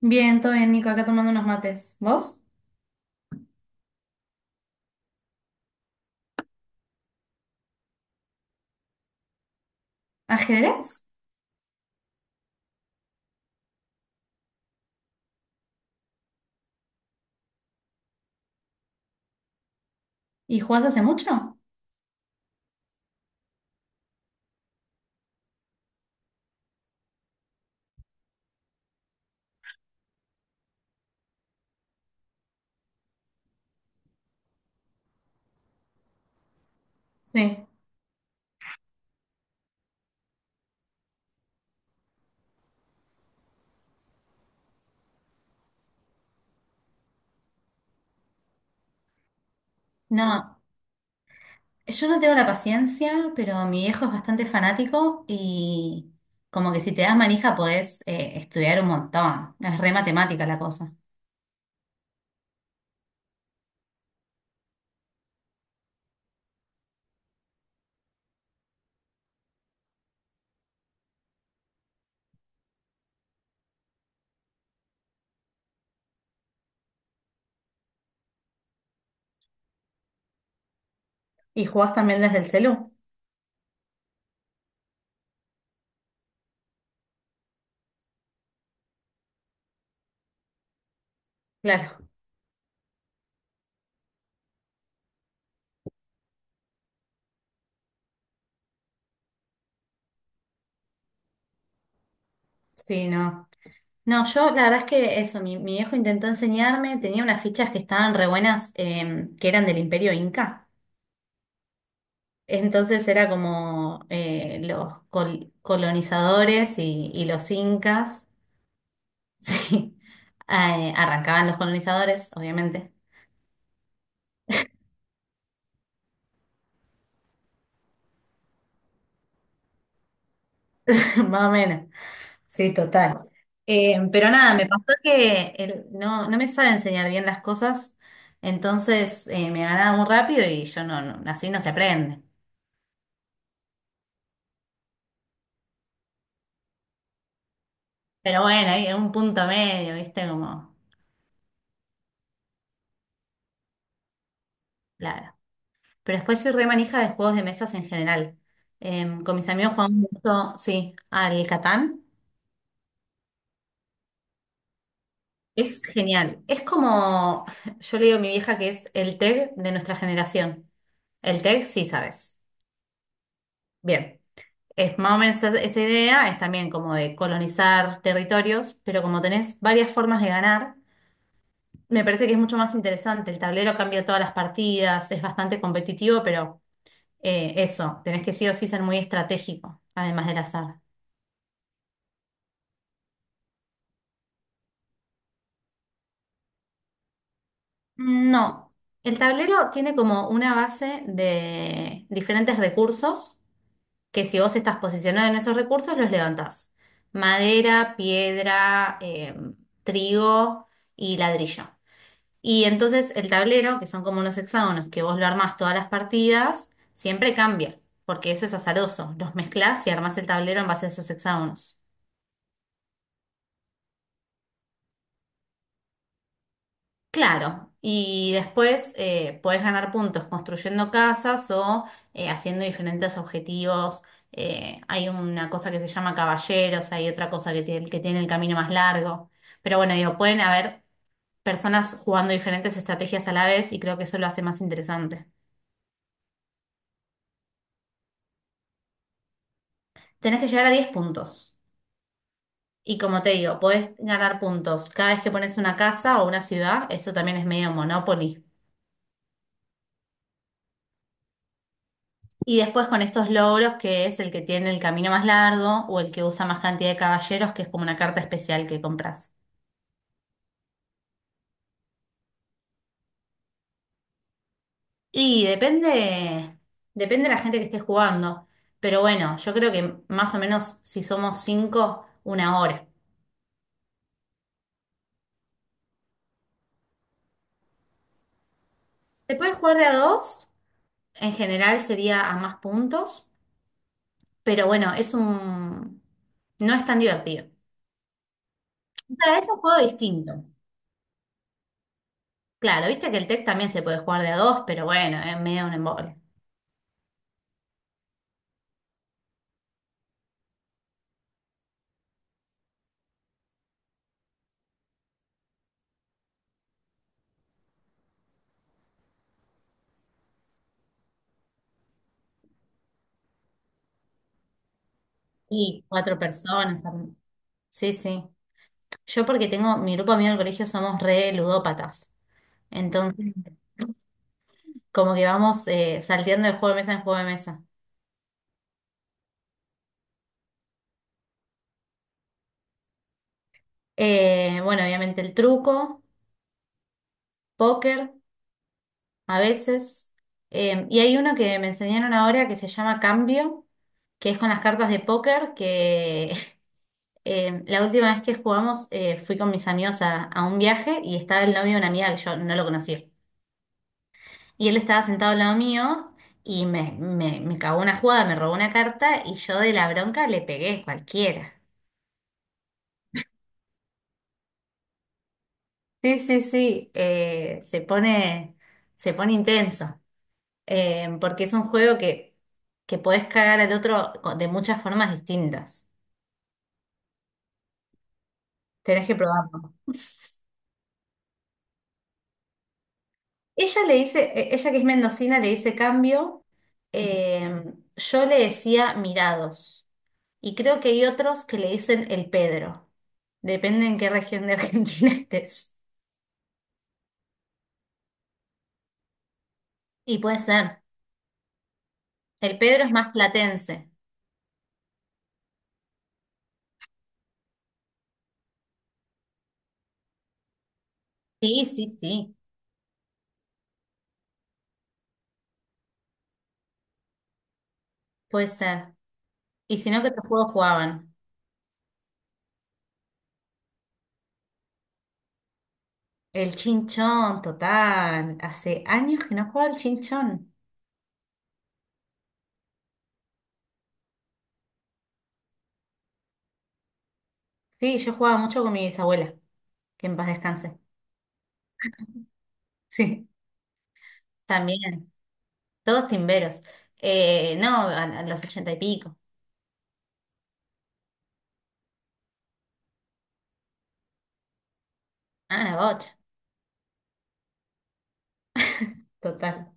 Bien, todo bien, Nico, acá tomando unos mates. ¿Vos? ¿Ajedrez? ¿Y jugás hace mucho? Sí. No, yo no tengo la paciencia, pero mi viejo es bastante fanático y como que si te das manija podés estudiar un montón. Es re matemática la cosa. ¿Y jugás también desde el celu? Claro, sí, no. No, yo la verdad es que eso, mi viejo intentó enseñarme, tenía unas fichas que estaban re buenas, que eran del Imperio Inca. Entonces era como los colonizadores y los incas, sí, arrancaban los colonizadores, obviamente, más o menos, sí, total. Pero nada, me pasó que no, no me sabe enseñar bien las cosas, entonces me ganaba muy rápido y yo así no se aprende. Pero bueno, hay un punto medio, ¿viste? Como, claro. Pero después soy re manija de juegos de mesas en general. Con mis amigos jugamos mucho, sí, al Catán. Es genial. Es como, yo le digo a mi vieja que es el TEG de nuestra generación. El TEG, sí, sabes. Bien. Es más o menos esa, esa idea, es también como de colonizar territorios, pero como tenés varias formas de ganar, me parece que es mucho más interesante. El tablero cambia todas las partidas, es bastante competitivo, pero eso, tenés que sí o sí ser muy estratégico, además del azar. No, el tablero tiene como una base de diferentes recursos que si vos estás posicionado en esos recursos los levantás. Madera, piedra, trigo y ladrillo. Y entonces el tablero, que son como unos hexágonos que vos lo armás todas las partidas, siempre cambia, porque eso es azaroso. Los mezclás y armás el tablero en base a esos hexágonos. Claro, y después puedes ganar puntos construyendo casas o haciendo diferentes objetivos. Hay una cosa que se llama caballeros, hay otra cosa que tiene el camino más largo. Pero bueno, digo, pueden haber personas jugando diferentes estrategias a la vez y creo que eso lo hace más interesante. Tenés que llegar a 10 puntos. Y como te digo, podés ganar puntos cada vez que pones una casa o una ciudad. Eso también es medio Monopoly. Y después con estos logros, que es el que tiene el camino más largo o el que usa más cantidad de caballeros, que es como una carta especial que compras. Y depende, depende de la gente que esté jugando. Pero bueno, yo creo que más o menos si somos cinco, una hora. Se puede jugar de a dos, en general sería a más puntos, pero bueno, es un no es tan divertido. O sea, es un juego distinto. Claro, viste que el TEC también se puede jugar de a dos, pero bueno, es medio un embole. Y cuatro personas. Sí, sí. Yo porque tengo, mi grupo mío del colegio somos re ludópatas. Entonces, como que vamos salteando de juego de mesa en juego de mesa. Bueno, obviamente el truco, póker, a veces. Y hay uno que me enseñaron ahora que se llama Cambio, que es con las cartas de póker, que la última vez que jugamos fui con mis amigos a un viaje y estaba el novio de una amiga que yo no lo conocía. Y él estaba sentado al lado mío y me cagó una jugada, me robó una carta y yo de la bronca le pegué cualquiera. Sí, sí, sí, se pone intenso, porque es un juego que podés cagar al otro de muchas formas distintas. Tenés que probar. Ella le dice, ella que es mendocina le dice cambio, eh, yo le decía mirados. Y creo que hay otros que le dicen el Pedro. Depende en qué región de Argentina estés. Y puede ser. El Pedro es más platense. Sí, sí, sí, puede ser. Y si no, ¿qué otros juegos jugaban? El chinchón, total. Hace años que no jugaba el chinchón. Sí, yo jugaba mucho con mi bisabuela, que en paz descanse. Sí, también. Todos timberos. No, a los ochenta y pico. Ah, la bocha. Total.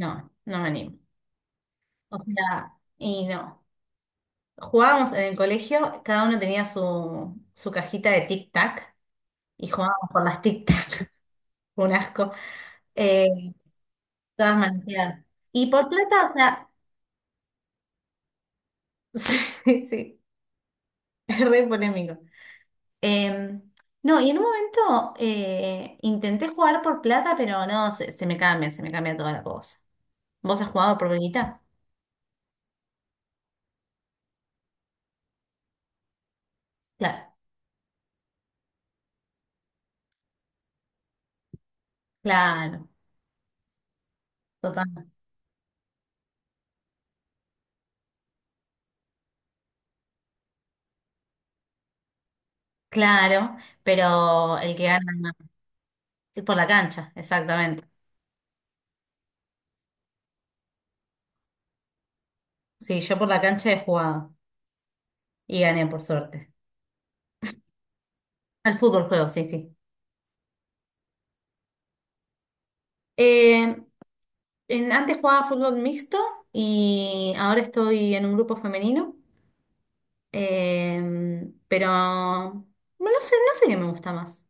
No, no me animo. O sea, y no. Jugábamos en el colegio, cada uno tenía su, su cajita de tic-tac y jugábamos por las tic-tac. Un asco. Eh, Todas manoseadas. Y por plata, o sea, sí, sí, sí, es re polémico. Eh, no, y en un momento intenté jugar por plata, pero no, se, se me cambia toda la cosa. ¿Vos has jugado por guita? Claro. Claro, total, claro, pero el que gana es por la cancha, exactamente. Sí, yo por la cancha he jugado y gané por suerte. Al fútbol juego, sí, sí. Eh, antes jugaba fútbol mixto y ahora estoy en un grupo femenino, eh, pero bueno, no sé, no sé qué me gusta más.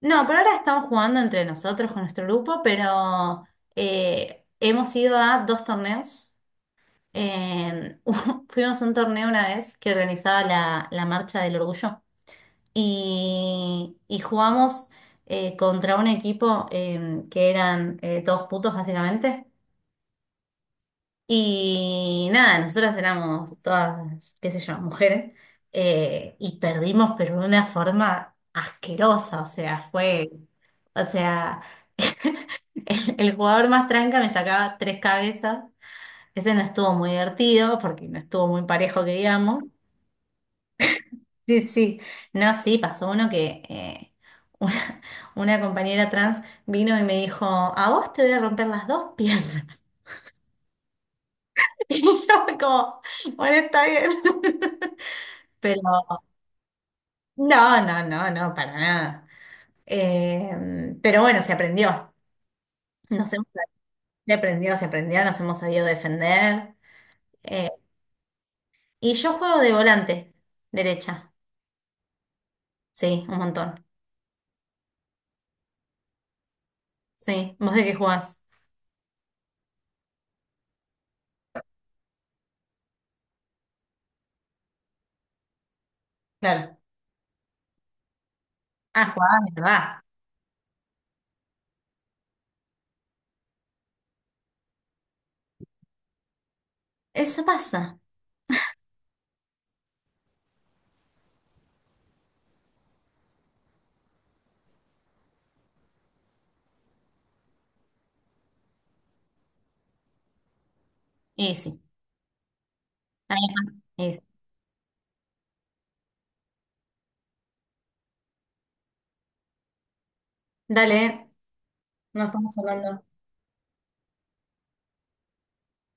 No, pero ahora estamos jugando entre nosotros con nuestro grupo, pero hemos ido a dos torneos. Eh, Fuimos a un torneo una vez que organizaba la, la Marcha del Orgullo y jugamos contra un equipo que eran todos putos básicamente. Y nada, nosotras éramos todas, qué sé yo, mujeres y perdimos pero de una forma asquerosa, o sea, fue, o sea, el jugador más tranca me sacaba tres cabezas. Ese no estuvo muy divertido porque no estuvo muy parejo que digamos. Sí, sí. No, sí, pasó uno que una, una compañera trans vino y me dijo, a vos te voy a romper las dos piernas. Y yo fue como, bueno, está bien. Pero no, no, no, no, para nada. Eh, pero bueno, se aprendió. Nos hemos, se aprendió, nos hemos sabido defender. Eh, y yo juego de volante, derecha. Sí, un montón. Sí. ¿Vos de qué jugás? Claro. Ah, jugaba, ¿verdad? Eso pasa. Y sí. Ahí va. Y- sí. Dale, nos estamos hablando.